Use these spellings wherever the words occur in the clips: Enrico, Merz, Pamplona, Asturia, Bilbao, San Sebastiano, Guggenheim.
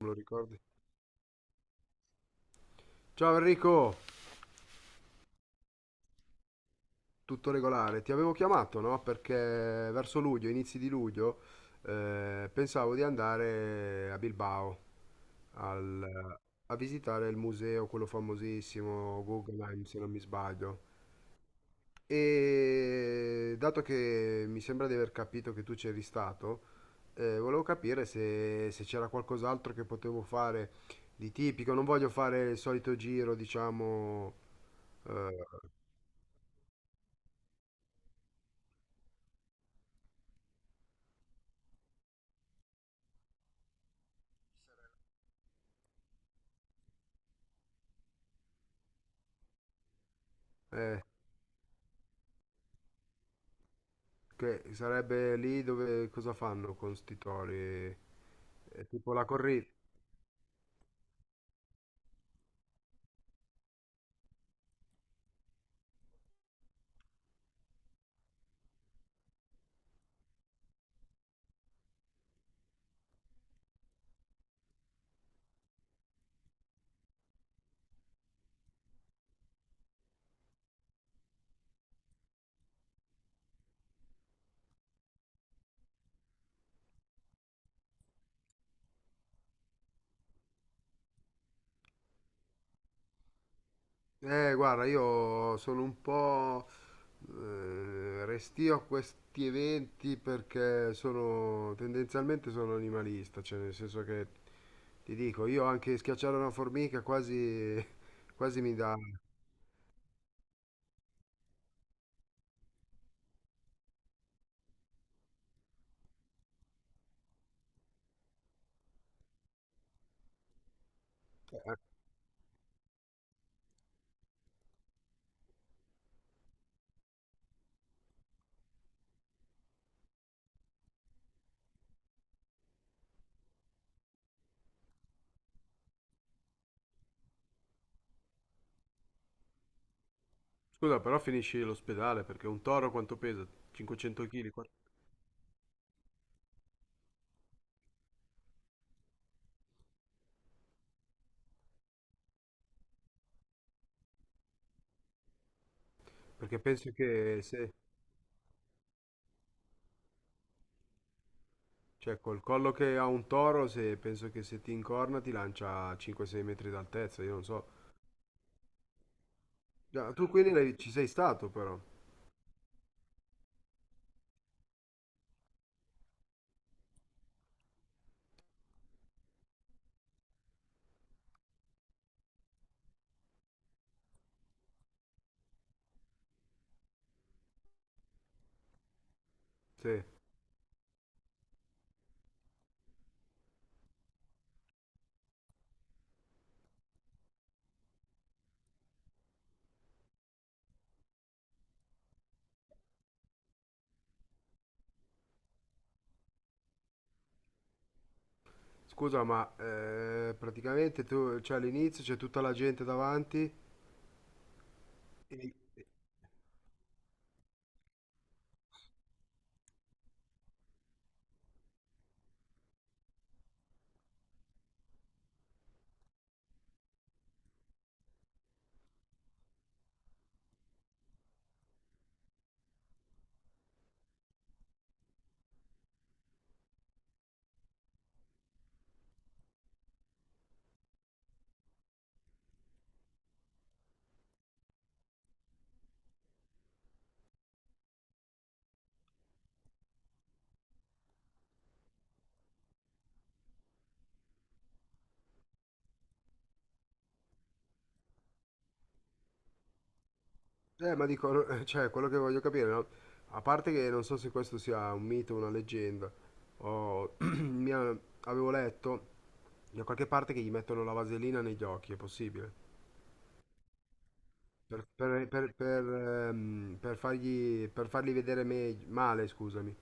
Me lo ricordi? Ciao Enrico, tutto regolare. Ti avevo chiamato, no? Perché verso luglio, inizi di luglio, pensavo di andare a Bilbao al- a visitare il museo, quello famosissimo, Guggenheim, se non mi sbaglio. E dato che mi sembra di aver capito che tu c'eri stato, volevo capire se c'era qualcos'altro che potevo fare di tipico. Non voglio fare il solito giro, diciamo. eh, eh, Che sarebbe lì dove cosa fanno con sti tori? È tipo la corrida. Guarda, io sono un po' restio a questi eventi perché sono tendenzialmente sono animalista, cioè nel senso che ti dico, io anche schiacciare una formica quasi mi dà. eh, Scusa, però finisci l'ospedale perché un toro quanto pesa? 500 kg? Perché penso che se. Cioè, col collo che ha un toro, se penso che se ti incorna ti lancia a 5-6 metri d'altezza, io non so. Già, tu quindi ci sei stato però. Sì. Scusa, ma praticamente tu, cioè, all'inizio c'è tutta la gente davanti. e- ma dico, cioè, quello che voglio capire, no? A parte che non so se questo sia un mito o una leggenda, o avevo letto da qualche parte che gli mettono la vaselina negli occhi, è possibile? Per, per- per- per, per farli vedere male, scusami.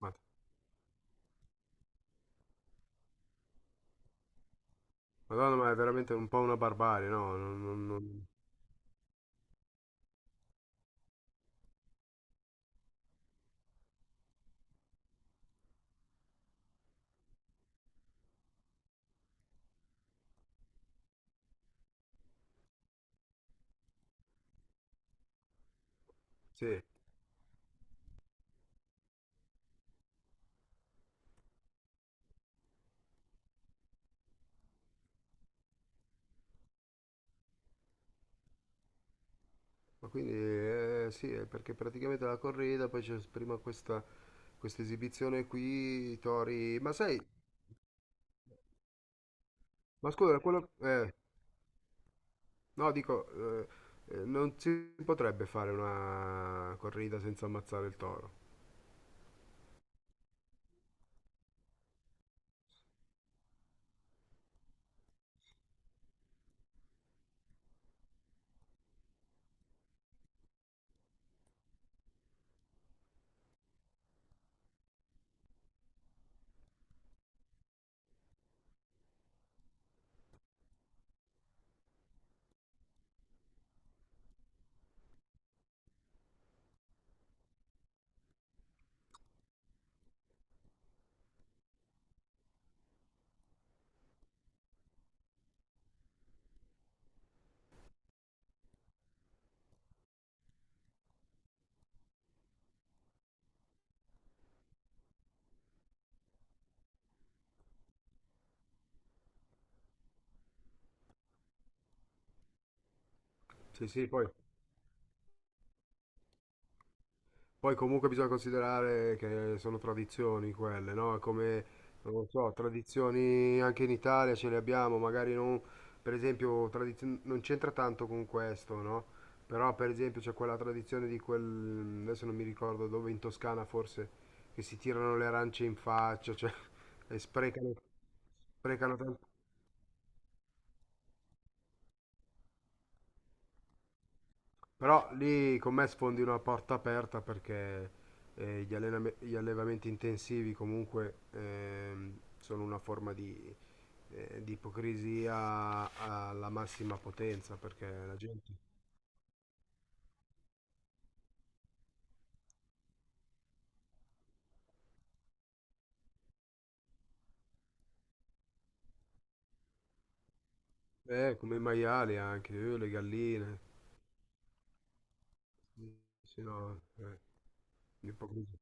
Ma, Madonna, ma è veramente un po' una barbarie, no? Sì, ma quindi sì, è perché praticamente la corrida, poi c'è prima questa, esibizione qui, i tori. Ma sai, ma scusa, quello. No, dico, non si potrebbe fare una corrida senza ammazzare il toro. Sì, sì, poi. Poi comunque bisogna considerare che sono tradizioni quelle, no? Come, non lo so, tradizioni anche in Italia ce le abbiamo, magari non, per esempio, non c'entra tanto con questo, no? Però per esempio c'è quella tradizione di quel, adesso non mi ricordo dove, in Toscana forse, che si tirano le arance in faccia, cioè, e sprecano tan-. Però lì con me sfondi una porta aperta perché gli allevamenti intensivi comunque sono una forma di ipocrisia alla massima potenza perché la gente, come i maiali anche, le galline, sì, no, l'ipocrisia.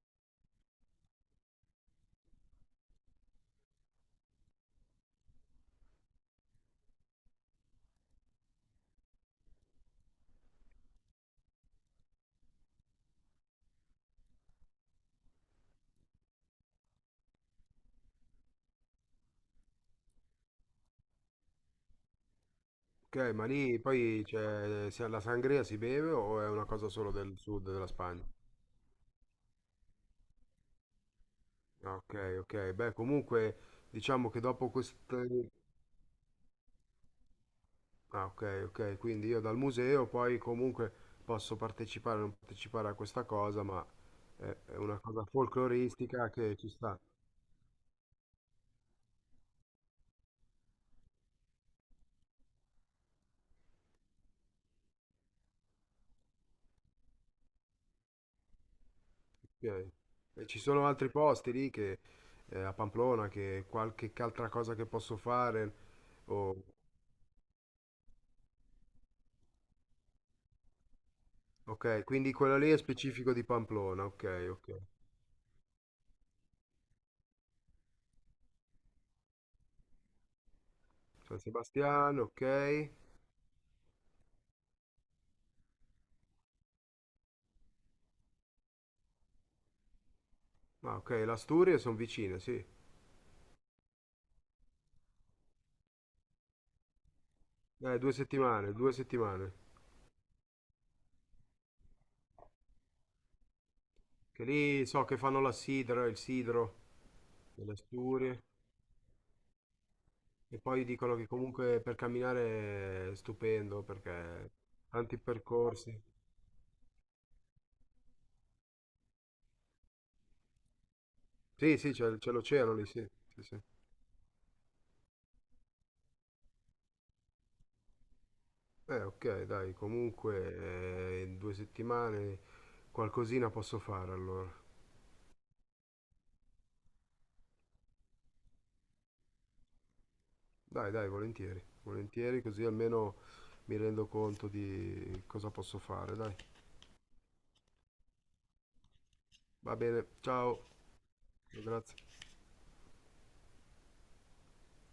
Ok, ma lì poi c'è, se la sangria si beve o è una cosa solo del sud della Spagna? Ah, ok, ok, beh comunque diciamo che dopo questo. Ah, ok, ok, quindi io dal museo poi comunque posso partecipare o non partecipare a questa cosa, ma è una cosa folcloristica che ci sta. Ok. E ci sono altri posti lì che a Pamplona che qualche altra cosa che posso fare. o- ok, quindi quello lì è specifico di Pamplona, ok, ok. San Sebastiano, ok. Ah, ok, l'Asturia sono vicine, sì. 2 settimane, 2 settimane. Che lì so che fanno la sidra, il sidro delle Asturie. E poi dicono che comunque per camminare è stupendo perché tanti percorsi. Sì, sì, c'è l'oceano lì, sì. Sì, sì. Ok, dai, comunque in 2 settimane qualcosina posso fare allora. Dai, dai, volentieri, volentieri, così almeno mi rendo conto di cosa posso fare, dai. Va bene, ciao, grazie.